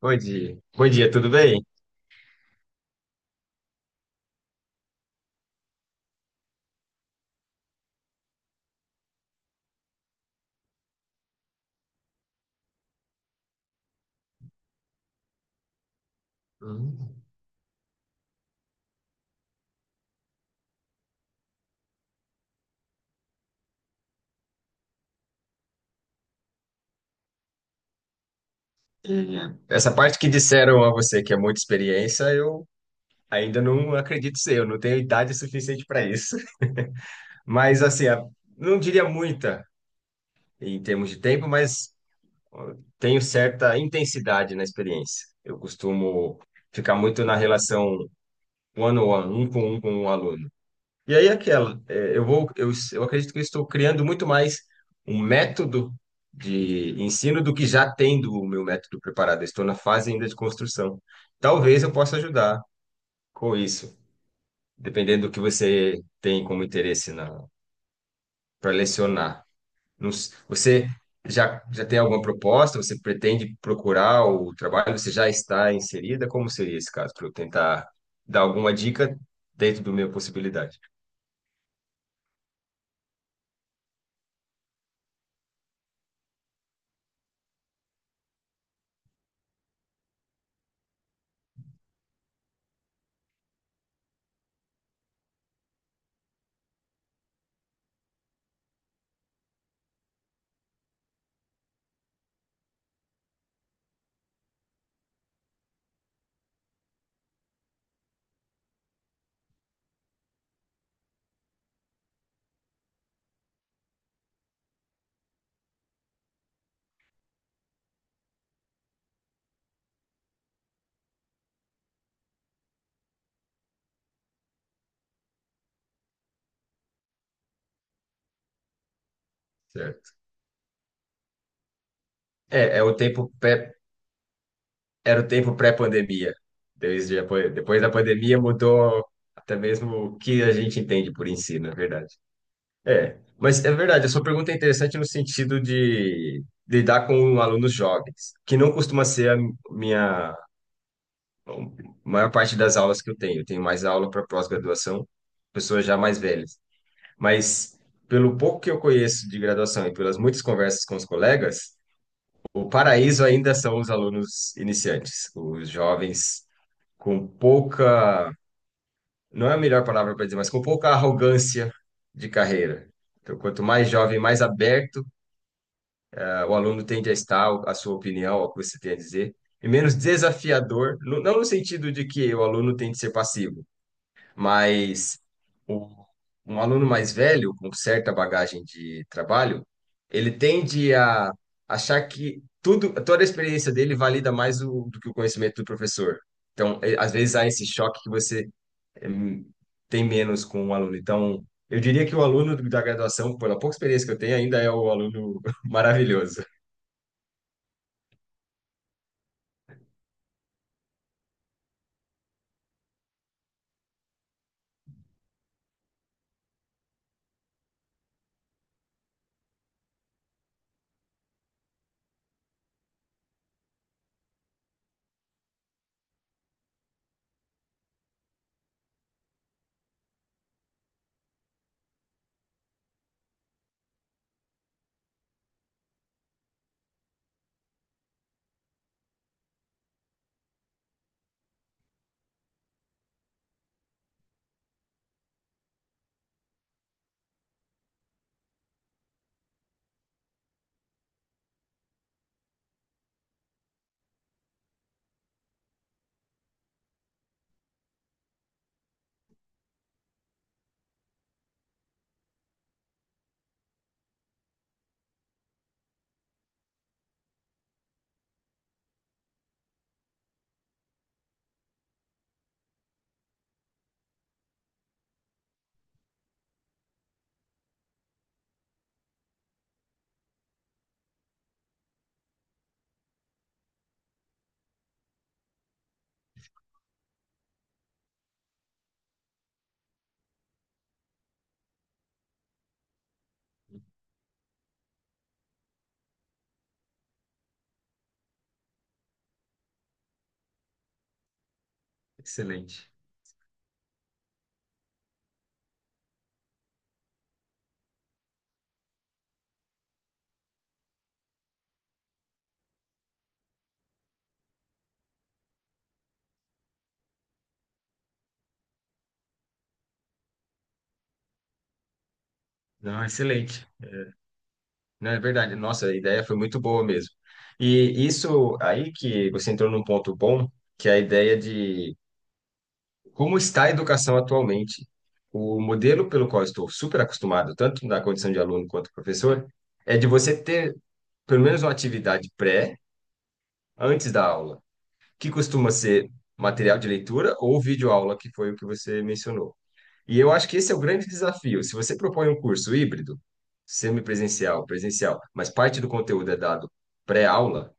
Bom dia. Bom dia, tudo bem? Hum. É, essa parte que disseram a você que é muita experiência, eu ainda não acredito ser, eu não tenho idade suficiente para isso. Mas assim, não diria muita em termos de tempo, mas ó, tenho certa intensidade na experiência. Eu costumo ficar muito na relação one-on-one, um com um aluno. E aí aquela, é, eu acredito que eu estou criando muito mais um método de ensino do que já tendo o meu método preparado. Eu estou na fase ainda de construção. Talvez eu possa ajudar com isso, dependendo do que você tem como interesse na para lecionar. Não s- Você já tem alguma proposta? Você pretende procurar o trabalho? Você já está inserida? Como seria esse caso para eu tentar dar alguma dica dentro do minha possibilidade? Certo. É, é o tempo era o tempo pré-pandemia. Depois da pandemia mudou até mesmo o que a gente entende por ensino, é verdade. É, mas é verdade, a sua pergunta é interessante no sentido de lidar com alunos jovens, que não costuma ser minha a maior parte das aulas que eu tenho. Eu tenho mais aula para pós-graduação, pessoas já mais velhas. Mas pelo pouco que eu conheço de graduação e pelas muitas conversas com os colegas, o paraíso ainda são os alunos iniciantes, os jovens com pouca, não é a melhor palavra para dizer, mas com pouca arrogância de carreira. Então, quanto mais jovem, mais aberto, ah, o aluno tende a estar a sua opinião, ao que você tem a dizer, e menos desafiador, não no sentido de que o aluno tem de ser passivo, mas o- um aluno mais velho, com certa bagagem de trabalho, ele tende a achar que tudo, toda a experiência dele valida mais do que o conhecimento do professor. Então, às vezes há esse choque que você hum, tem menos com o aluno. Então, eu diria que o aluno da graduação, pela pouca experiência que eu tenho, ainda é o aluno maravilhoso. Excelente. Não, excelente. Não, é verdade. Nossa, a ideia foi muito boa mesmo. E isso aí que você entrou num ponto bom, que é a ideia de como está a educação atualmente. O modelo pelo qual eu estou super acostumado, tanto na condição de aluno quanto professor, é de você ter pelo menos uma atividade pré, antes da aula, que costuma ser material de leitura ou videoaula, que foi o que você mencionou. E eu acho que esse é o grande desafio. Se você propõe um curso híbrido, semipresencial, presencial, mas parte do conteúdo é dado pré-aula,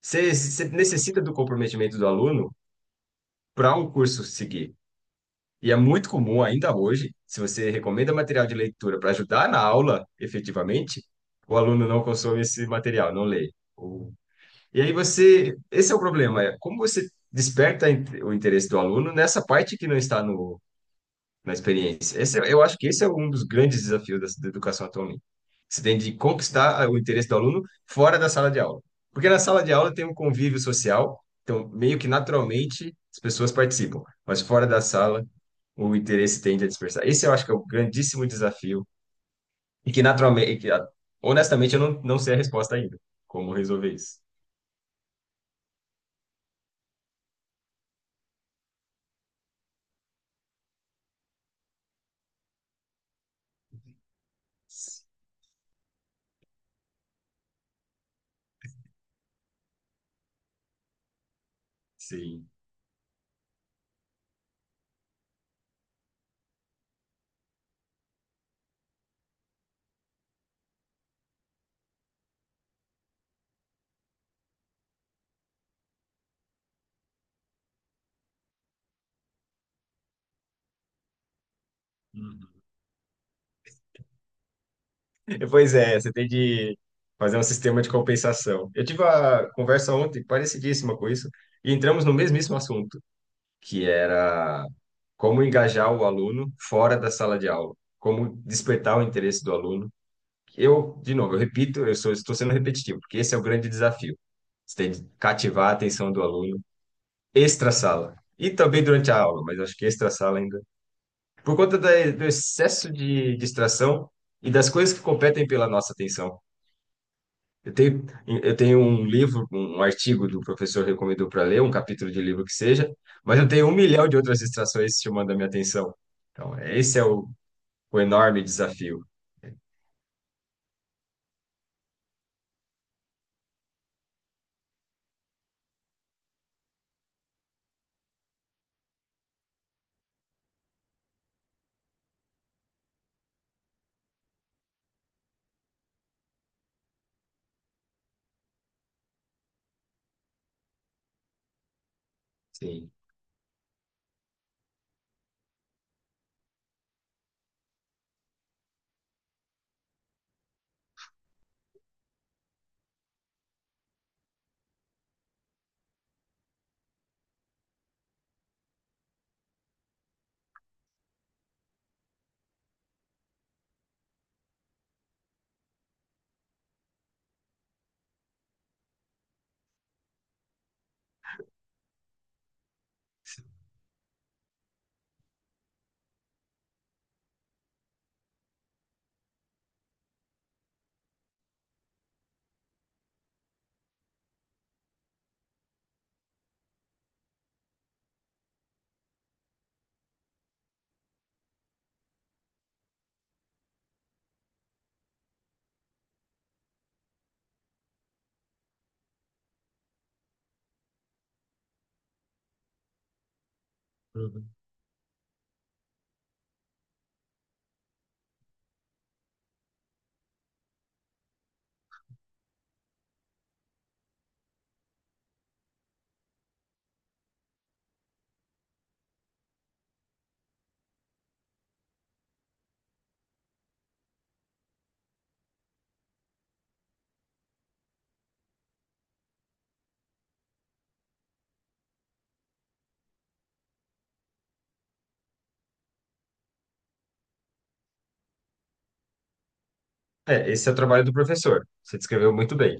você necessita do comprometimento do aluno para um curso seguir. E é muito comum ainda hoje, se você recomenda material de leitura para ajudar na aula, efetivamente, o aluno não consome esse material, não lê. O e aí você, Esse é o problema, é como você desperta o interesse do aluno nessa parte que não está no, na experiência. Eu acho que esse é um dos grandes desafios da educação atualmente. Você tem de conquistar o interesse do aluno fora da sala de aula. Porque na sala de aula tem um convívio social, então meio que naturalmente as pessoas participam, mas fora da sala o interesse tende a dispersar. Esse eu acho que é o grandíssimo desafio e que naturalmente, e que, ah, honestamente, eu não, não sei a resposta ainda, como resolver isso. Sim. Uhum. Pois é, você tem de fazer um sistema de compensação. Eu tive uma conversa ontem parecidíssima com isso, e entramos no mesmíssimo assunto, que era como engajar o aluno fora da sala de aula, como despertar o interesse do aluno. Eu, de novo, eu repito, estou sendo repetitivo, porque esse é o grande desafio. Você tem de cativar a atenção do aluno extra-sala, e também durante a aula, mas acho que extra-sala ainda. Por conta do excesso de distração e das coisas que competem pela nossa atenção. Eu tenho, eu tenho um livro, um artigo do professor recomendou para ler, um capítulo de livro que seja, mas eu tenho um milhão de outras distrações chamando a minha atenção. Então, é, esse é o enorme desafio. Sim. Uhum. É, esse é o trabalho do professor. Você descreveu muito bem.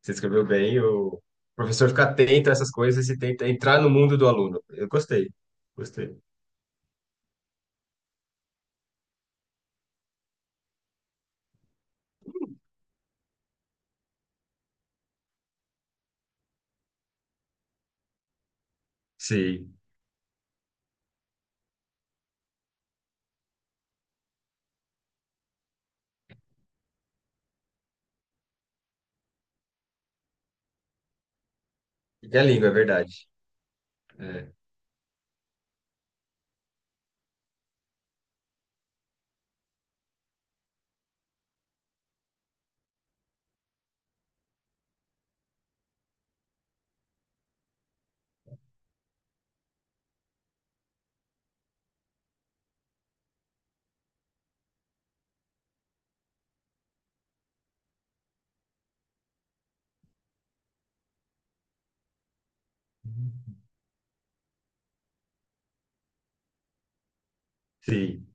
Você descreveu bem, o professor fica atento a essas coisas e tenta entrar no mundo do aluno. Eu gostei, gostei. Sim. E a língua, é verdade. É. Sim.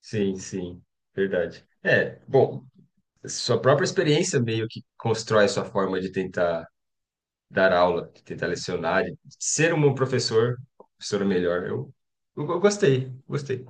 Sim, sim, verdade. É, bom, sua própria experiência meio que constrói sua forma de tentar dar aula, de tentar lecionar, de ser um bom professor, professora melhor. Eu gostei, gostei.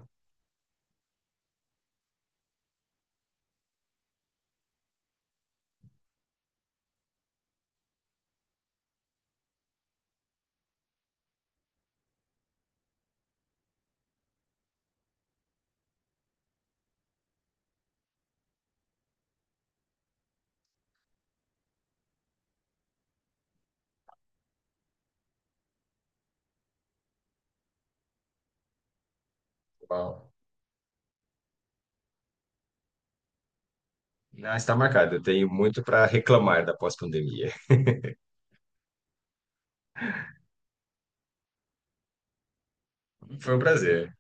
Uau. Não, está marcado. Eu tenho muito para reclamar da pós-pandemia. Foi um prazer.